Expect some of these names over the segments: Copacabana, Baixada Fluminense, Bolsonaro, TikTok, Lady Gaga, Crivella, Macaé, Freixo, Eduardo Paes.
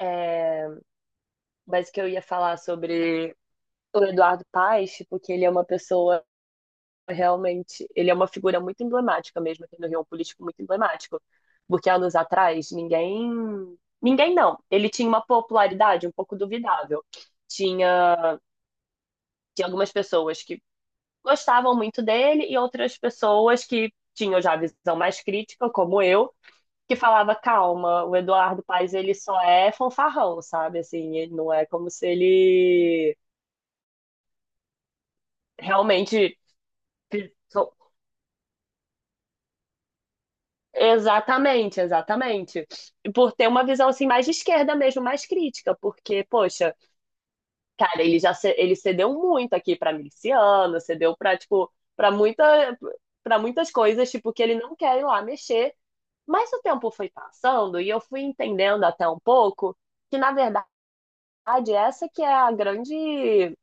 É, mas que eu ia falar sobre o Eduardo Paes, tipo, que ele é uma pessoa realmente, ele é uma figura muito emblemática mesmo aqui no Rio, um político muito emblemático, porque anos atrás ninguém não, ele tinha uma popularidade um pouco duvidável. Tinha, tinha algumas pessoas que gostavam muito dele e outras pessoas que tinham já a visão mais crítica, como eu, que falava, calma, o Eduardo Paes, ele só é fanfarrão, sabe? Assim, ele não é como se ele realmente. Exatamente, exatamente. E por ter uma visão assim mais de esquerda mesmo, mais crítica, porque, poxa, cara, ele cedeu muito aqui para miliciano, cedeu para tipo para muita para muitas coisas, tipo que ele não quer ir lá mexer, mas o tempo foi passando e eu fui entendendo até um pouco que na verdade essa que é a grande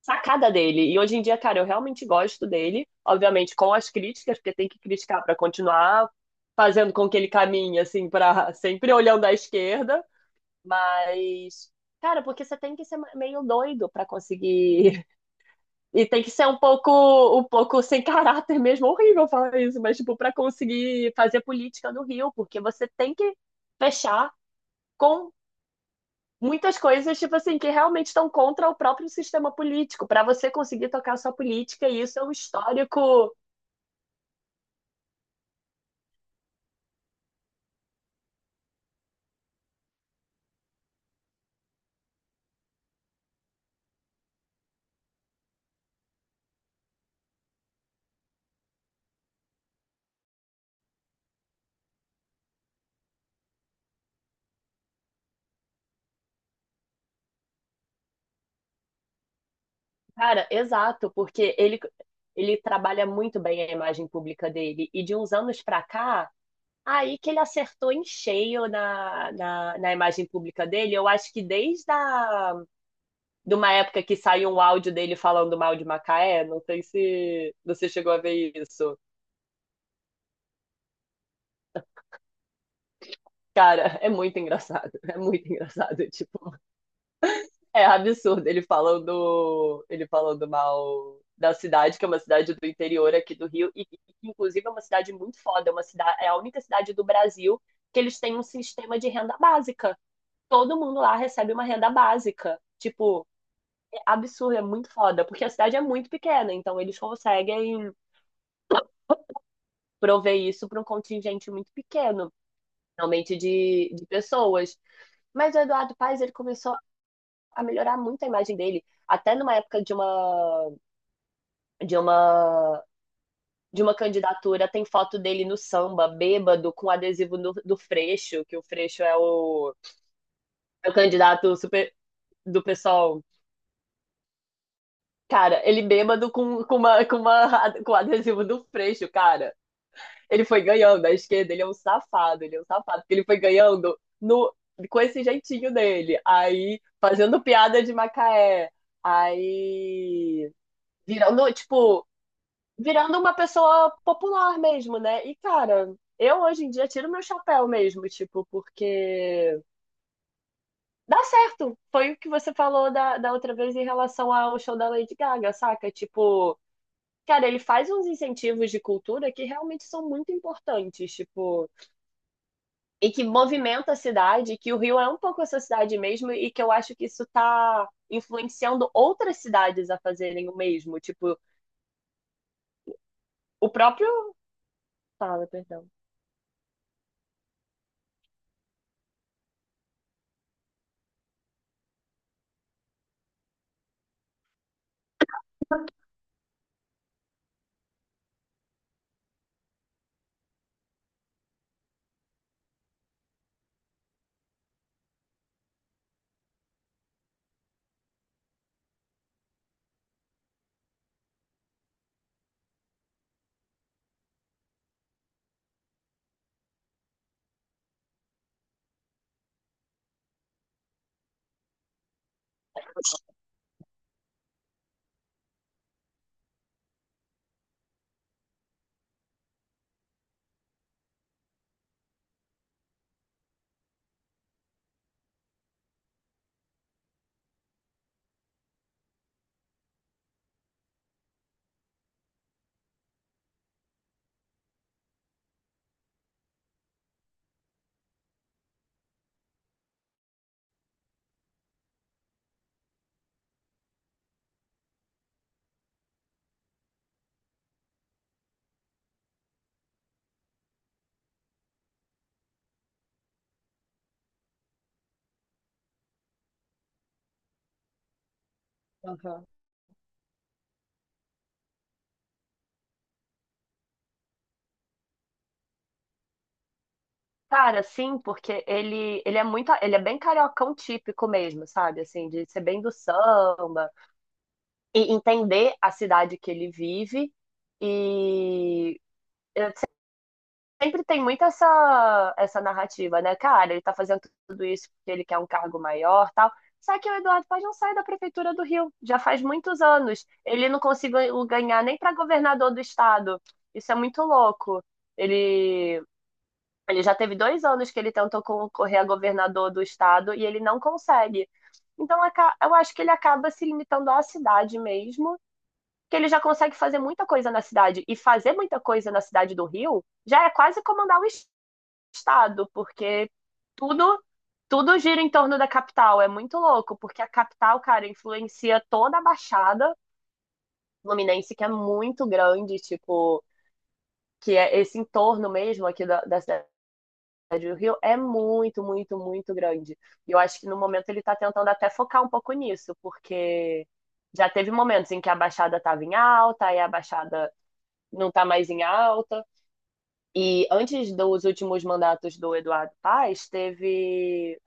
sacada dele. E hoje em dia, cara, eu realmente gosto dele, obviamente com as críticas, porque tem que criticar para continuar fazendo com que ele caminhe assim para sempre olhando à esquerda, mas cara, porque você tem que ser meio doido para conseguir e tem que ser um pouco sem caráter mesmo, horrível falar isso, mas tipo para conseguir fazer política no Rio, porque você tem que fechar com muitas coisas, tipo assim, que realmente estão contra o próprio sistema político, para você conseguir tocar a sua política, e isso é um histórico, cara, exato, porque ele trabalha muito bem a imagem pública dele, e de uns anos para cá, aí que ele acertou em cheio na imagem pública dele, eu acho que de uma época que saiu um áudio dele falando mal de Macaé, não sei se você chegou a ver isso. Cara, é muito engraçado, é muito engraçado, tipo, é absurdo ele falando mal da cidade, que é uma cidade do interior aqui do Rio, e que inclusive é uma cidade muito foda, é, uma cidade, é a única cidade do Brasil que eles têm um sistema de renda básica. Todo mundo lá recebe uma renda básica. Tipo, é absurdo, é muito foda, porque a cidade é muito pequena, então eles conseguem prover isso para um contingente muito pequeno, realmente de pessoas. Mas o Eduardo Paes, ele começou a melhorar muito a imagem dele, até numa época de uma de uma candidatura, tem foto dele no samba, bêbado, com adesivo do Freixo, que o Freixo é o, é o candidato super do pessoal. Cara, ele bêbado com adesivo do Freixo, cara. Ele foi ganhando a esquerda, ele é um safado, porque ele foi ganhando no, com esse jeitinho dele. Aí, fazendo piada de Macaé. Aí, virando, tipo, virando uma pessoa popular mesmo, né? E, cara, eu hoje em dia tiro meu chapéu mesmo, tipo, porque dá certo. Foi o que você falou da outra vez em relação ao show da Lady Gaga, saca? Tipo, cara, ele faz uns incentivos de cultura que realmente são muito importantes, tipo, e que movimenta a cidade, que o Rio é um pouco essa cidade mesmo, e que eu acho que isso tá influenciando outras cidades a fazerem o mesmo, tipo, o próprio. Fala, perdão. Aham. Cara, sim, porque ele é muito, ele é bem cariocão típico mesmo, sabe? Assim, de ser bem do samba e entender a cidade que ele vive e sempre tem muito essa narrativa, né? Cara, ele tá fazendo tudo isso porque ele quer um cargo maior, tal. Só que o Eduardo Paz não sai da prefeitura do Rio, já faz muitos anos. Ele não conseguiu ganhar nem para governador do estado. Isso é muito louco. Ele Ele já teve dois anos que ele tentou concorrer a governador do estado e ele não consegue. Então, eu acho que ele acaba se limitando à cidade mesmo, que ele já consegue fazer muita coisa na cidade. E fazer muita coisa na cidade do Rio já é quase comandar estado, porque tudo, tudo gira em torno da capital. É muito louco, porque a capital, cara, influencia toda a Baixada Fluminense, que é muito grande, tipo, que é esse entorno mesmo aqui da cidade do Rio é muito, muito, muito grande. E eu acho que no momento ele está tentando até focar um pouco nisso, porque já teve momentos em que a Baixada estava em alta, aí a Baixada não está mais em alta. E antes dos últimos mandatos do Eduardo Paes, teve,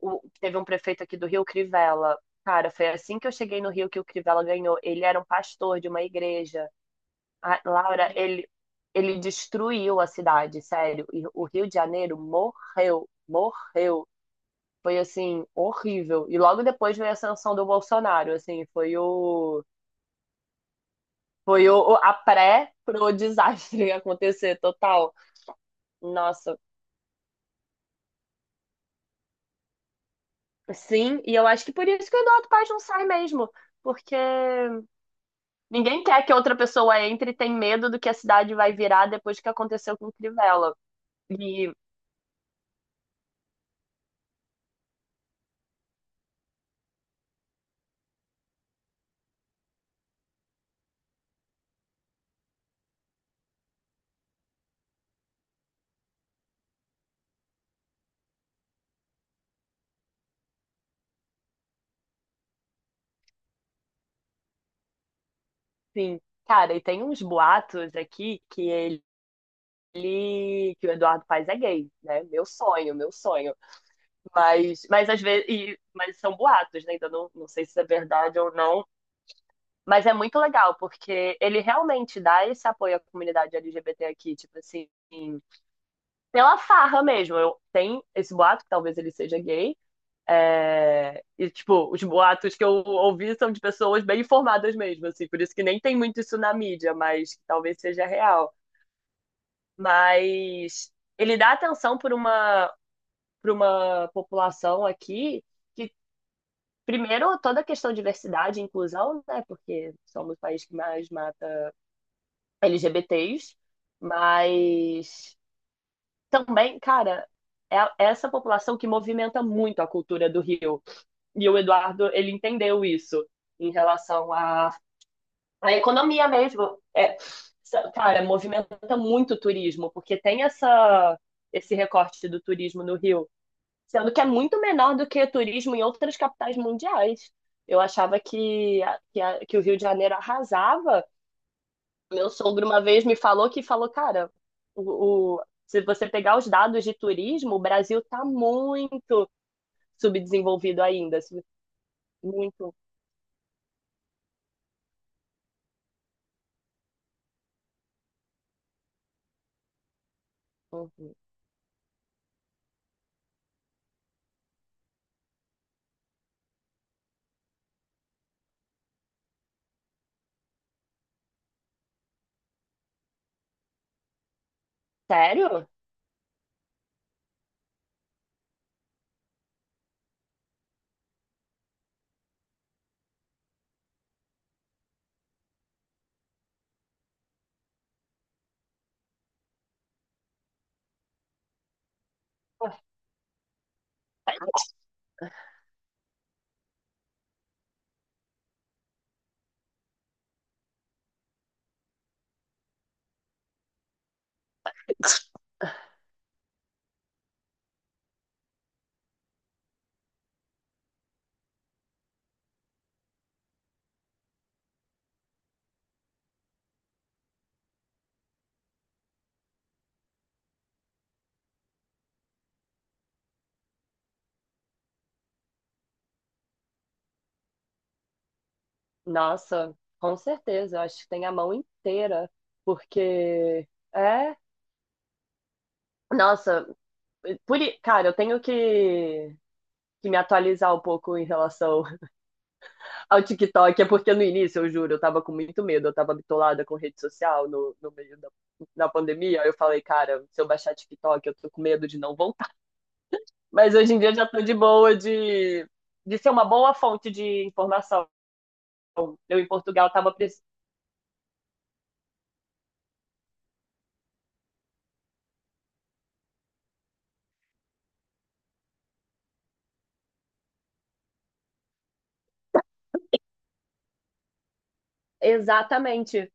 teve um prefeito aqui do Rio, Crivella. Cara, foi assim que eu cheguei no Rio que o Crivella ganhou. Ele era um pastor de uma igreja. A Laura, ele destruiu a cidade, sério. E o Rio de Janeiro morreu, morreu. Foi assim, horrível. E logo depois veio a ascensão do Bolsonaro, assim, foi a pré pro desastre acontecer total. Nossa, sim, e eu acho que por isso que o Eduardo Paes não sai mesmo, porque ninguém quer que outra pessoa entre e tem medo do que a cidade vai virar depois que aconteceu com o Crivella. E, sim, cara, e tem uns boatos aqui que o Eduardo Paes é gay, né? Meu sonho, meu sonho. Mas às vezes, mas são boatos, né? Ainda não sei se é verdade ou não. Mas é muito legal, porque ele realmente dá esse apoio à comunidade LGBT aqui, tipo assim, pela farra mesmo. Eu, tem esse boato, que talvez ele seja gay. É, e, tipo, os boatos que eu ouvi são de pessoas bem informadas mesmo, assim, por isso que nem tem muito isso na mídia, mas que talvez seja real. Mas ele dá atenção por uma população aqui que primeiro, toda a questão de diversidade e inclusão, né? Porque somos o país que mais mata LGBTs, mas também, cara, é essa população que movimenta muito a cultura do Rio. E o Eduardo, ele entendeu isso em relação à economia mesmo. É, cara, movimenta muito o turismo, porque tem esse recorte do turismo no Rio. Sendo que é muito menor do que turismo em outras capitais mundiais. Eu achava que o Rio de Janeiro arrasava. Meu sogro uma vez me falou que falou, cara, se você pegar os dados de turismo, o Brasil tá muito subdesenvolvido ainda. Sub- muito. Uhum. Sério? Nossa, com certeza. Eu acho que tem a mão inteira. Porque. É. Nossa, cara, eu tenho que me atualizar um pouco em relação ao TikTok. É porque no início, eu juro, eu tava com muito medo, eu tava bitolada com rede social no meio da pandemia. Aí eu falei, cara, se eu baixar TikTok, eu tô com medo de não voltar. Mas hoje em dia já tô de boa de ser uma boa fonte de informação. Eu em Portugal tava. Pres- exatamente.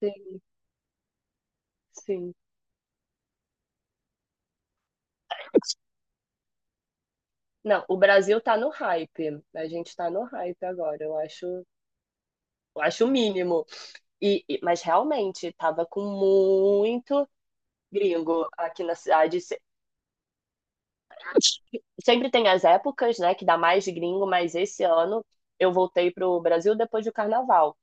Sim, sim. Não, o Brasil tá no hype. A gente tá no hype agora, eu acho. Eu acho o mínimo. Mas realmente, tava com muito gringo aqui na cidade. Se- sempre tem as épocas, né, que dá mais gringo, mas esse ano eu voltei pro Brasil depois do carnaval.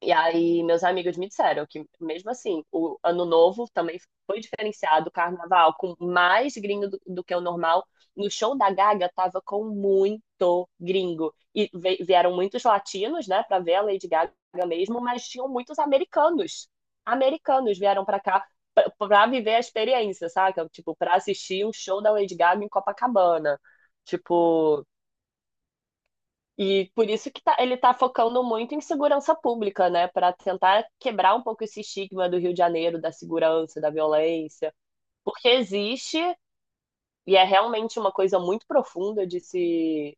E aí, meus amigos me disseram que, mesmo assim, o Ano Novo também foi diferenciado, o Carnaval com mais gringo do que o normal. No show da Gaga, tava com muito gringo. E ve- vieram muitos latinos, né, pra ver a Lady Gaga mesmo, mas tinham muitos americanos. Americanos vieram pra cá pra viver a experiência, saca? Tipo, pra assistir um show da Lady Gaga em Copacabana. Tipo. E por isso ele está focando muito em segurança pública, né? Para tentar quebrar um pouco esse estigma do Rio de Janeiro, da segurança, da violência. Porque existe, e é realmente uma coisa muito profunda de se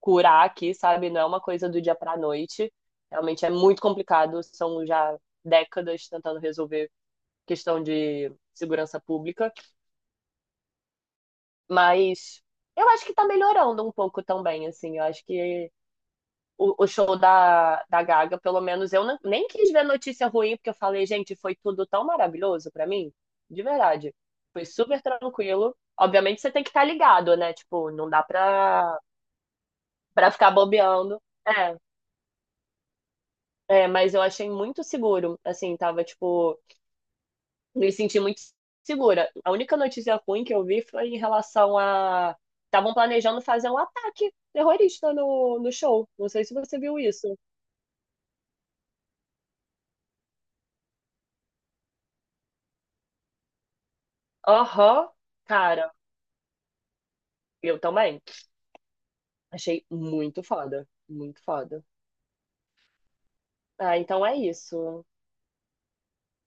curar aqui, sabe? Não é uma coisa do dia para a noite. Realmente é muito complicado. São já décadas tentando resolver questão de segurança pública. Mas eu acho que está melhorando um pouco também, assim. Eu acho que o show da Gaga, pelo menos eu não- nem quis ver notícia ruim, porque eu falei, gente, foi tudo tão maravilhoso pra mim, de verdade. Foi super tranquilo. Obviamente você tem que estar ligado, né? Tipo, não dá pra, pra ficar bobeando. É, é, mas eu achei muito seguro, assim, tava, tipo, me senti muito segura. A única notícia ruim que eu vi foi em relação a. Estavam planejando fazer um ataque terrorista no show. Não sei se você viu isso. Aham, cara, eu também. Achei muito foda, muito foda. Ah, então é isso.